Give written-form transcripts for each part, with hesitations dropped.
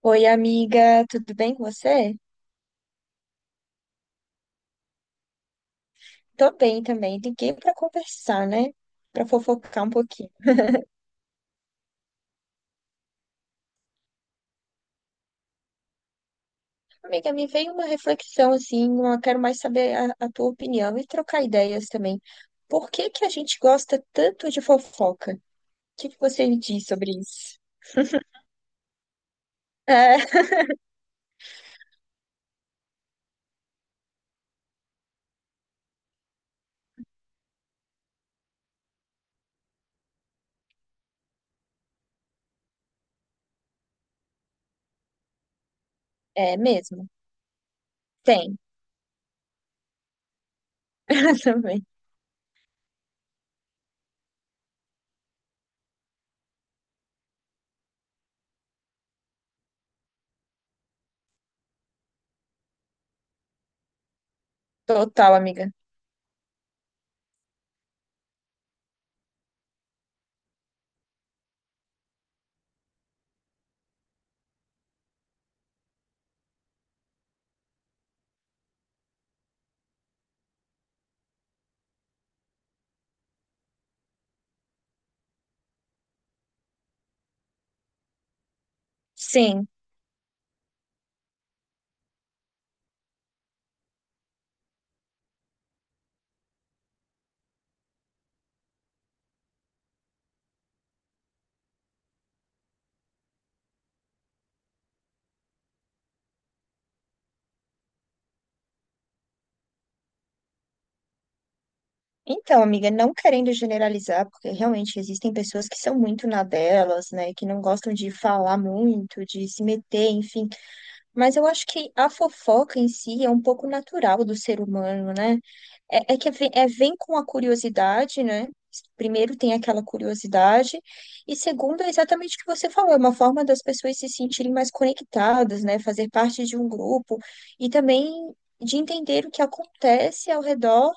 Oi, amiga, tudo bem com você? Tô bem também. Liguei pra conversar, né? Pra fofocar um pouquinho. Amiga, me veio uma reflexão assim, eu quero mais saber a tua opinião e trocar ideias também. Por que que a gente gosta tanto de fofoca? O que que você me diz sobre isso? É, é mesmo. Tem. Também. Total, amiga. Sim. Então, amiga, não querendo generalizar, porque realmente existem pessoas que são muito na delas, né, que não gostam de falar muito, de se meter, enfim. Mas eu acho que a fofoca em si é um pouco natural do ser humano, né? Vem com a curiosidade, né? Primeiro tem aquela curiosidade, e segundo é exatamente o que você falou, é uma forma das pessoas se sentirem mais conectadas, né? Fazer parte de um grupo e também de entender o que acontece ao redor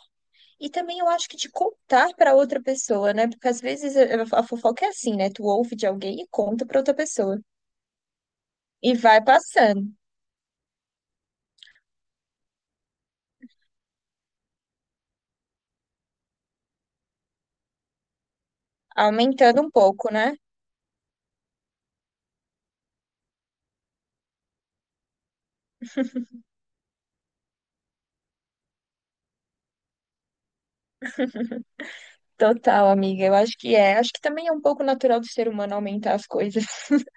e também eu acho que de contar para outra pessoa, né? Porque às vezes a fofoca é assim, né? Tu ouve de alguém e conta para outra pessoa. E vai passando, aumentando um pouco, né? Total, amiga. Eu acho que é. Acho que também é um pouco natural do ser humano aumentar as coisas.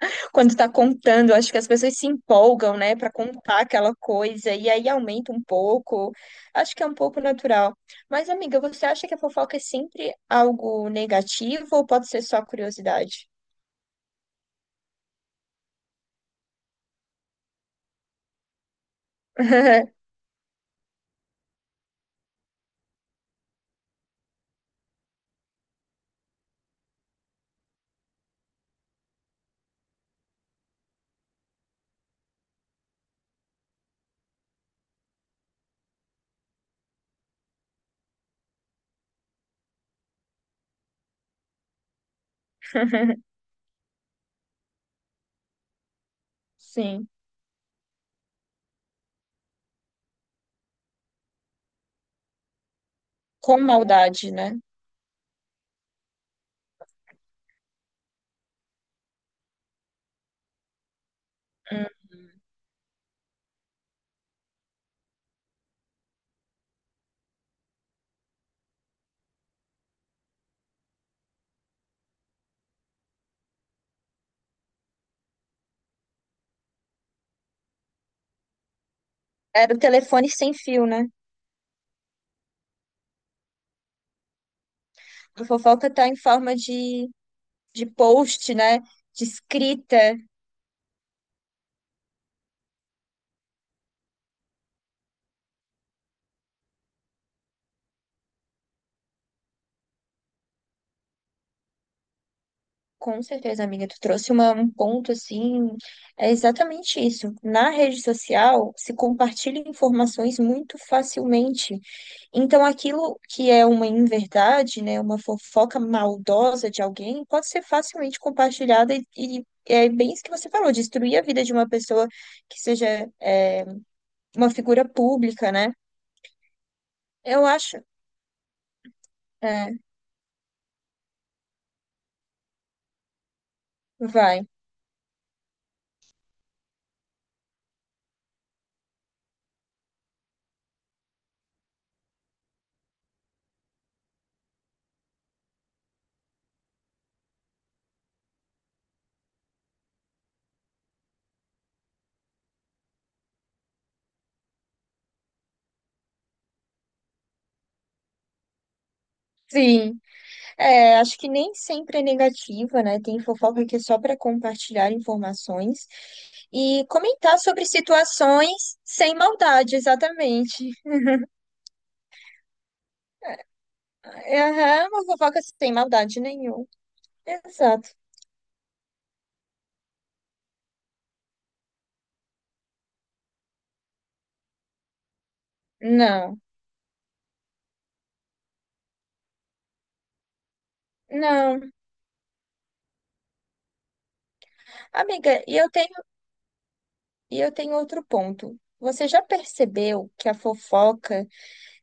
Quando tá contando, acho que as pessoas se empolgam, né, para contar aquela coisa e aí aumenta um pouco. Acho que é um pouco natural. Mas, amiga, você acha que a fofoca é sempre algo negativo ou pode ser só curiosidade? Sim. Com maldade, né? Hum. Era o telefone sem fio, né? A fofoca tá em forma de post, né? De escrita. Com certeza, amiga, um ponto assim. É exatamente isso. Na rede social se compartilham informações muito facilmente. Então, aquilo que é uma inverdade, né, uma fofoca maldosa de alguém, pode ser facilmente compartilhada e é bem isso que você falou, destruir a vida de uma pessoa que seja é, uma figura pública, né? Eu acho. É, vai. Sim. É, acho que nem sempre é negativa, né? Tem fofoca que é só para compartilhar informações e comentar sobre situações sem maldade, exatamente. É uma fofoca sem maldade nenhuma. Exato. Não, não. Amiga, e eu tenho outro ponto. Você já percebeu que a fofoca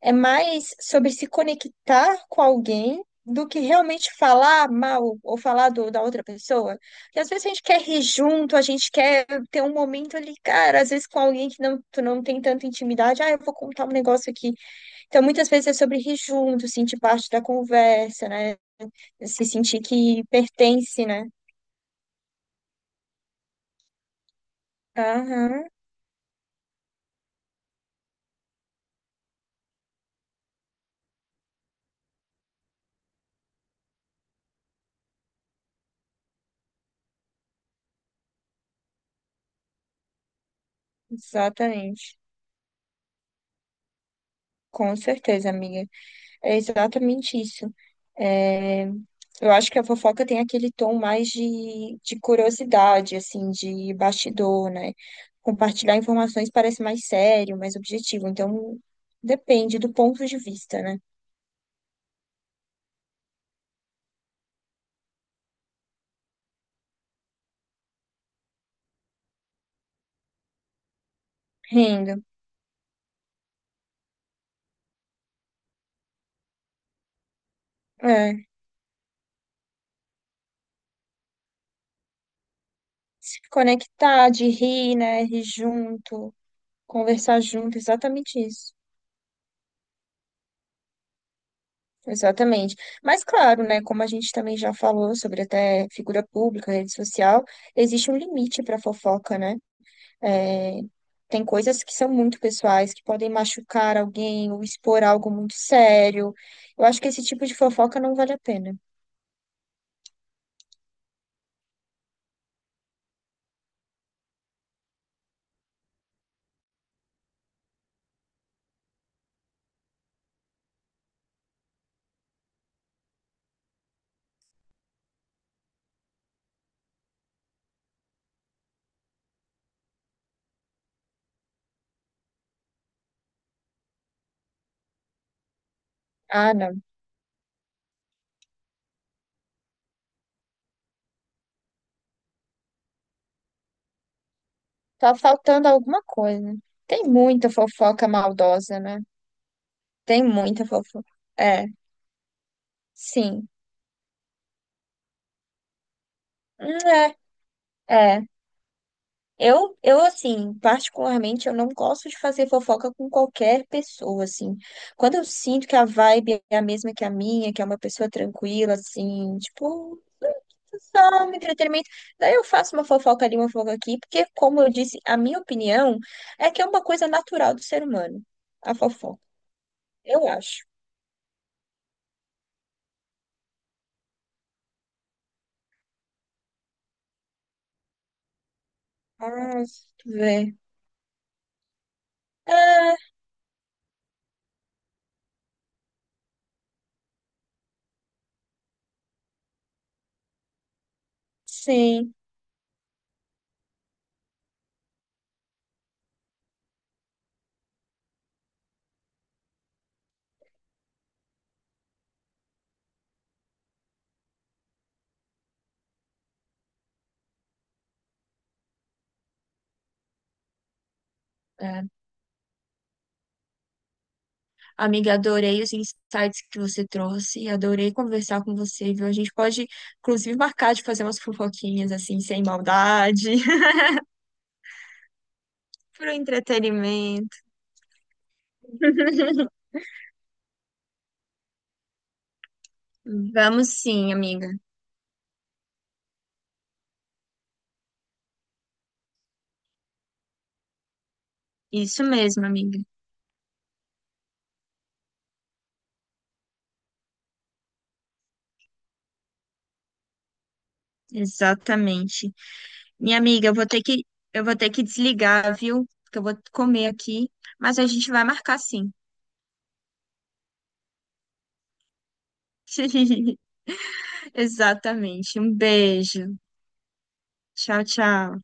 é mais sobre se conectar com alguém do que realmente falar mal ou da outra pessoa? Porque às vezes a gente quer rir junto, a gente quer ter um momento ali, cara, às vezes com alguém que não, tu não tem tanta intimidade, ah, eu vou contar um negócio aqui. Então, muitas vezes é sobre rir junto, sentir parte da conversa, né? Se sentir que pertence, né? Aham, exatamente. Com certeza, amiga. É exatamente isso. É, eu acho que a fofoca tem aquele tom mais de curiosidade, assim, de bastidor, né? Compartilhar informações parece mais sério, mais objetivo. Então, depende do ponto de vista, né? Rindo. É. Se conectar, de rir, né? Rir junto, conversar junto, exatamente isso. Exatamente. Mas claro, né, como a gente também já falou sobre até figura pública, rede social, existe um limite para fofoca, né? É, tem coisas que são muito pessoais, que podem machucar alguém ou expor algo muito sério. Eu acho que esse tipo de fofoca não vale a pena. Ah, não. Tá faltando alguma coisa. Tem muita fofoca maldosa, né? Tem muita fofoca. É, sim. Hum, é, é. Assim, particularmente, eu não gosto de fazer fofoca com qualquer pessoa, assim. Quando eu sinto que a vibe é a mesma que a minha, que é uma pessoa tranquila, assim, tipo, só um entretenimento. Daí eu faço uma fofoca ali, uma fofoca aqui, porque, como eu disse, a minha opinião é que é uma coisa natural do ser humano, a fofoca. Eu acho. Ah, deixa eu ver. Ah, sim. É. Amiga, adorei os insights que você trouxe, adorei conversar com você, viu? A gente pode, inclusive, marcar de fazer umas fofoquinhas assim, sem maldade, pro entretenimento. Vamos sim, amiga. Isso mesmo, amiga. Exatamente. Minha amiga, eu vou ter que desligar, viu? Porque eu vou comer aqui, mas a gente vai marcar sim. Exatamente. Um beijo. Tchau, tchau.